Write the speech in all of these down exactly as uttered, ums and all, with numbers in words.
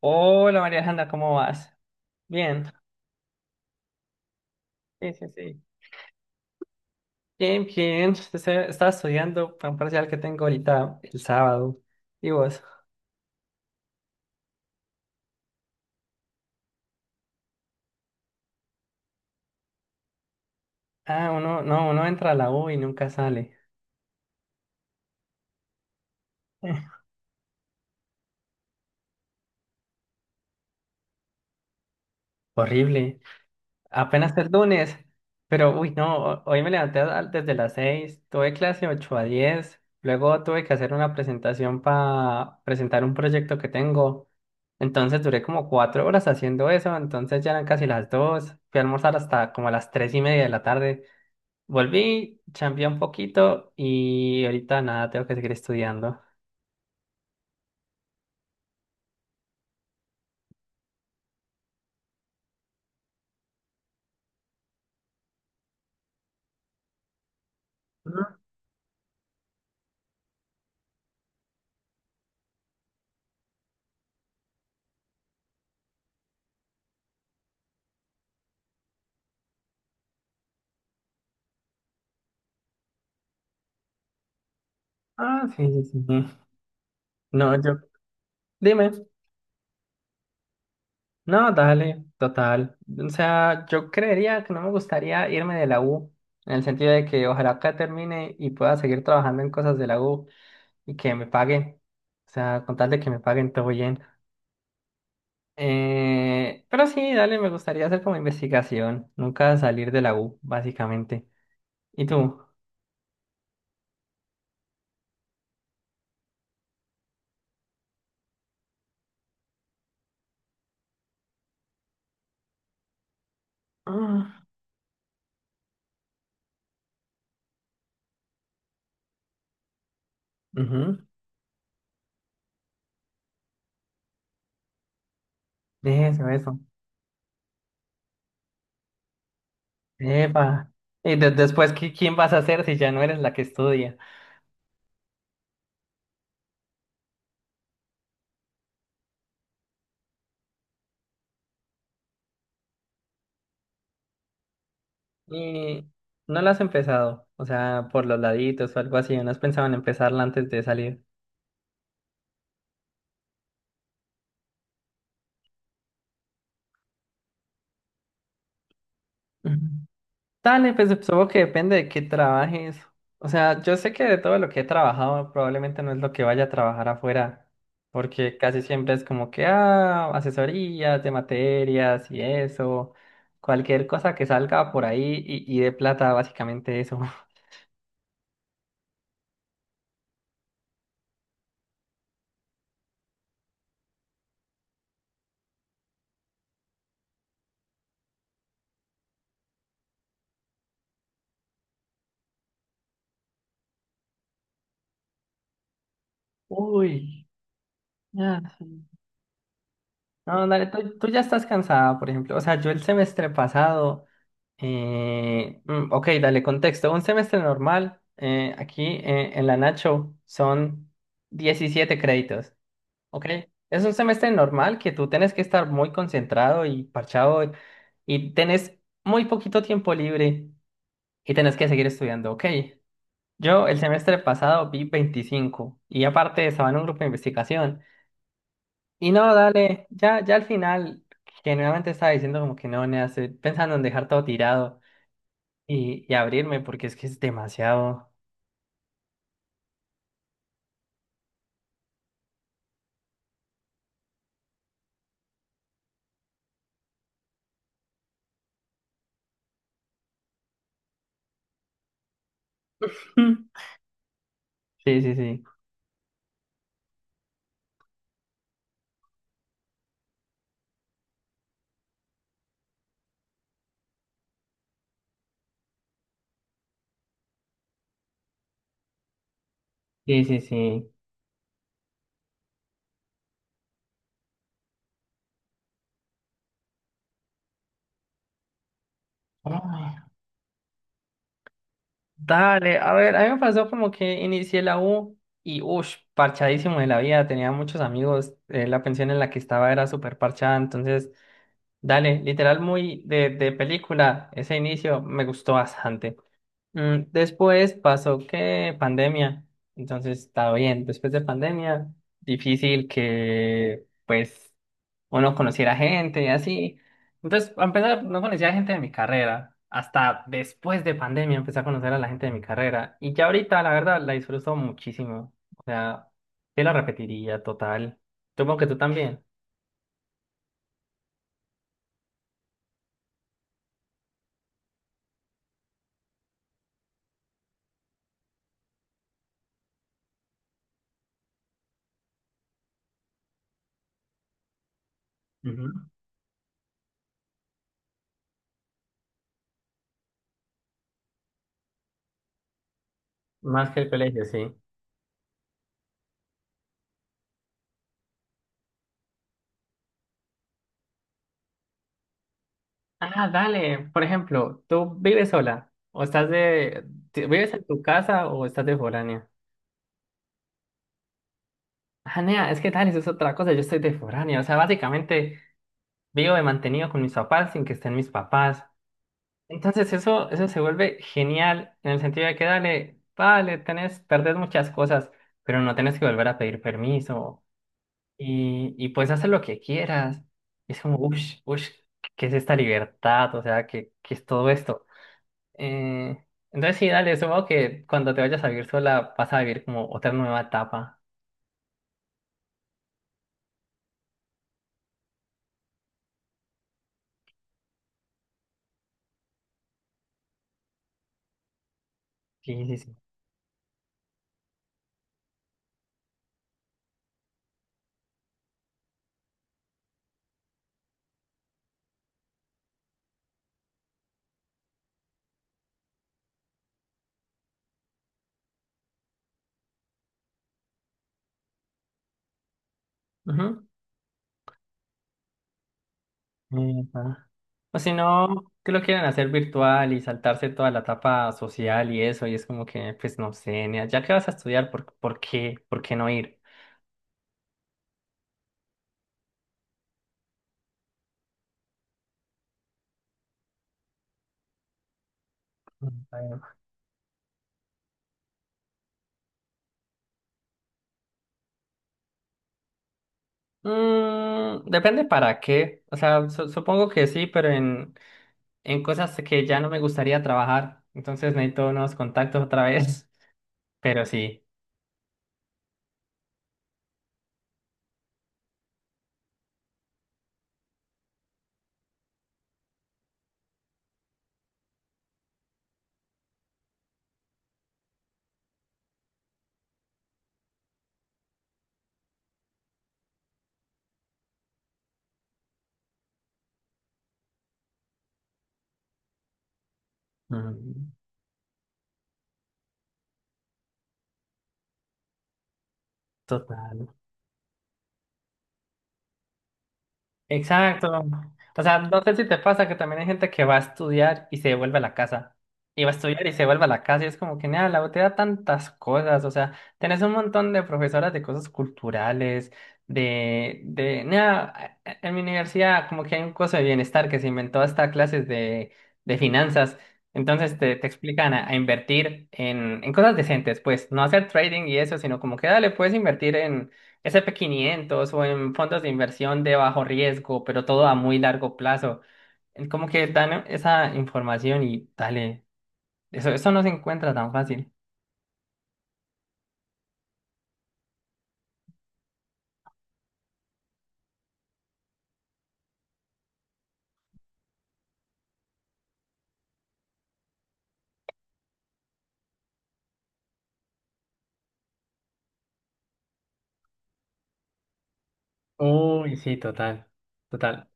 Hola María Alejandra, ¿cómo vas? Bien, sí, sí, sí. Bien, bien. Este- Estaba estudiando para un parcial que tengo ahorita el sábado. ¿Y vos? Ah, uno, no, uno entra a la U y nunca sale. Eh, horrible. Apenas el lunes. Pero, uy, no, ho- hoy me levanté a- desde las seis. Tuve clase ocho a diez. Luego tuve que hacer una presentación para presentar un proyecto que tengo. Entonces duré como cuatro horas haciendo eso, entonces ya eran casi las dos, fui a almorzar hasta como a las tres y media de la tarde, volví, chambeé un poquito y ahorita nada, tengo que seguir estudiando. Ah, sí, sí, sí. Sí. No, yo, dime, no, dale, total. O sea, yo creería que no me gustaría irme de la U, en el sentido de que ojalá acá termine y pueda seguir trabajando en cosas de la U y que me paguen. O sea, con tal de que me paguen todo bien. Eh, pero sí, dale, me gustaría hacer como investigación, nunca salir de la U, básicamente. ¿Y tú? Ah, ujú. Eso, eso. Epa. Y de- después, ¿qui- ¿quién vas a ser si ya no eres la que estudia? Y no la has empezado, o sea, por los laditos o algo así, ¿no has pensado en empezarla antes de salir? Ujú. Dale, pues supongo que depende de qué trabajes. O sea, yo sé que de todo lo que he trabajado, probablemente no es lo que vaya a trabajar afuera, porque casi siempre es como que, ah, asesorías de materias y eso, cualquier cosa que salga por ahí y, y de plata, básicamente eso. Uy, ya. Sí. No, dale, tú, tú ya estás cansada, por ejemplo. O sea, yo el semestre pasado. Eh, mm, ok, dale contexto. Un semestre normal eh, aquí eh, en la Nacho son diecisiete créditos. Ok, es un semestre normal que tú tienes que estar muy concentrado y parchado y tenés muy poquito tiempo libre y tenés que seguir estudiando. Ok, yo el semestre pasado vi veinticinco y aparte estaba en un grupo de investigación. Y no, dale, ya, ya al final, generalmente estaba diciendo como que no, nea, estoy pensando en dejar todo tirado y, y abrirme porque es que es demasiado. Mm. Sí, sí, sí. Sí, sí, sí. Ah, dale, a ver, a mí me pasó como que inicié la U y uff, parchadísimo de la vida, tenía muchos amigos, eh, la pensión en la que estaba era súper parchada, entonces, dale, literal muy de, de película, ese inicio me gustó bastante. Mm, Después pasó que pandemia, entonces está bien. Después de pandemia, difícil que pues uno conociera gente y así. Entonces, a empezar, no conocía gente de mi carrera. Hasta después de pandemia empecé a conocer a la gente de mi carrera. Y ya ahorita, la verdad, la disfruto muchísimo. O sea, yo la repetiría total. Supongo que tú también. Ujú. Más que el colegio, sí. Ah, dale. Por ejemplo, ¿tú vives sola? ¿O estás de... te- ¿Vives en tu casa o estás de foránea? Ah, nea, es que dale, eso es otra cosa. Yo estoy de foránea. O sea, básicamente vivo de mantenido con mis papás sin que estén mis papás. Entonces eso, eso se vuelve genial en el sentido de que dale, vale, tenés, perdés muchas cosas, pero no tenés que volver a pedir permiso. Y, y puedes hacer lo que quieras. Es como, uff, uff, ¿qué es esta libertad? O sea, ¿qué, qué es todo esto? Eh, entonces sí, dale, supongo que cuando te vayas a vivir sola vas a vivir como otra nueva etapa. Sí, sí, sí. Ujú. Epa. O si no, que lo quieren hacer virtual y saltarse toda la etapa social y eso, y es como que, pues no sé, nea, ya que vas a estudiar, ¿por, por qué? ¿Por qué no ir? Bueno. Mm, depende para qué. O sea, su- supongo que sí, pero en, en cosas que ya no me gustaría trabajar. Entonces necesito unos contactos otra vez. Pero sí. Mm, total. Exacto. O sea, no sé si te pasa que también hay gente que va a estudiar y se devuelve a la casa. Y va a estudiar y se vuelve a la casa y es como que, nada, la U te da tantas cosas. O sea, tenés un montón de profesoras de cosas culturales, de, de, nada, en mi universidad como que hay un curso de bienestar que se inventó hasta clases de, de finanzas. Entonces te, te explican a, a invertir en, en cosas decentes, pues, no hacer trading y eso, sino como que, dale, puedes invertir en ese pe quinientos o en fondos de inversión de bajo riesgo, pero todo a muy largo plazo. Es como que dan esa información y dale, eso, eso no se encuentra tan fácil. Uy, sí, total, total.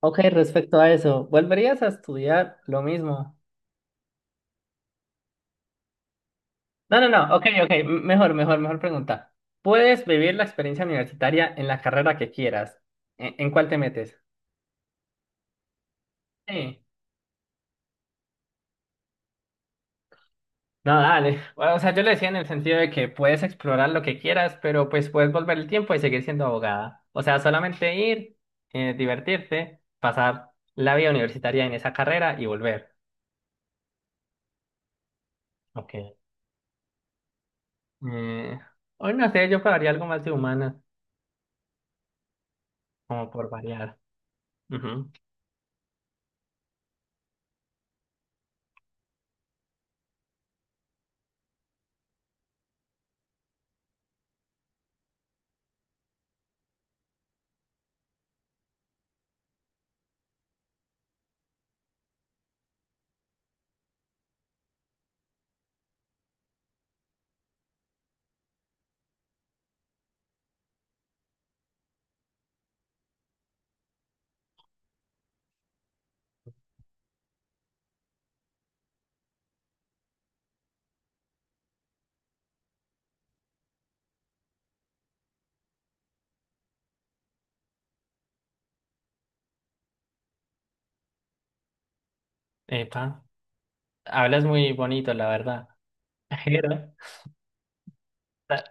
Ok, respecto a eso, ¿volverías a estudiar lo mismo? No, no, no, ok, ok, m- mejor, mejor, mejor pregunta. Puedes vivir la experiencia universitaria en la carrera que quieras. ¿En, en cuál te metes? Sí. No, dale. Bueno, o sea, yo le decía en el sentido de que puedes explorar lo que quieras, pero pues puedes volver el tiempo y seguir siendo abogada. O sea, solamente ir, eh, divertirte, pasar la vida universitaria en esa carrera y volver. Ok. Eh, hoy no sé, yo pagaría algo más de humana, como por variar. Ujú. Epa, hablas muy bonito, la verdad. Pero,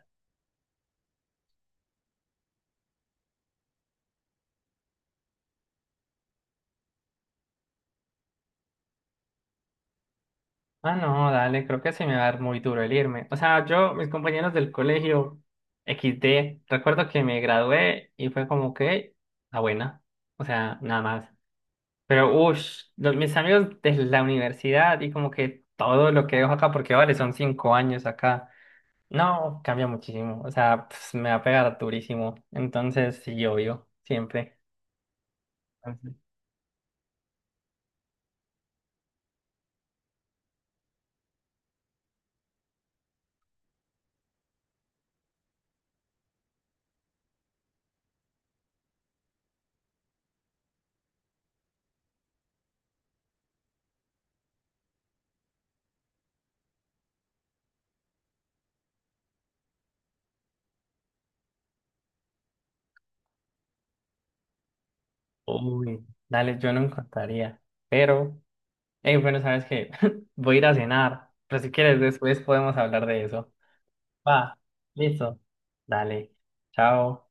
ah, no, dale, creo que se me va a dar muy duro el irme. O sea, yo, mis compañeros del colegio equis de, recuerdo que me gradué y fue como que la buena. O sea, nada más. Pero, uff, mis amigos de la universidad y como que todo lo que dejo acá, porque vale, son cinco años acá. No, cambia muchísimo. O sea, pues, me va a pegar durísimo. Entonces, sí, obvio, siempre. Entonces, uy, dale, yo no encontraría. Pero. Hey, bueno, ¿sabes qué? Voy a ir a cenar, pero si quieres después podemos hablar de eso. Va, listo. Dale, chao.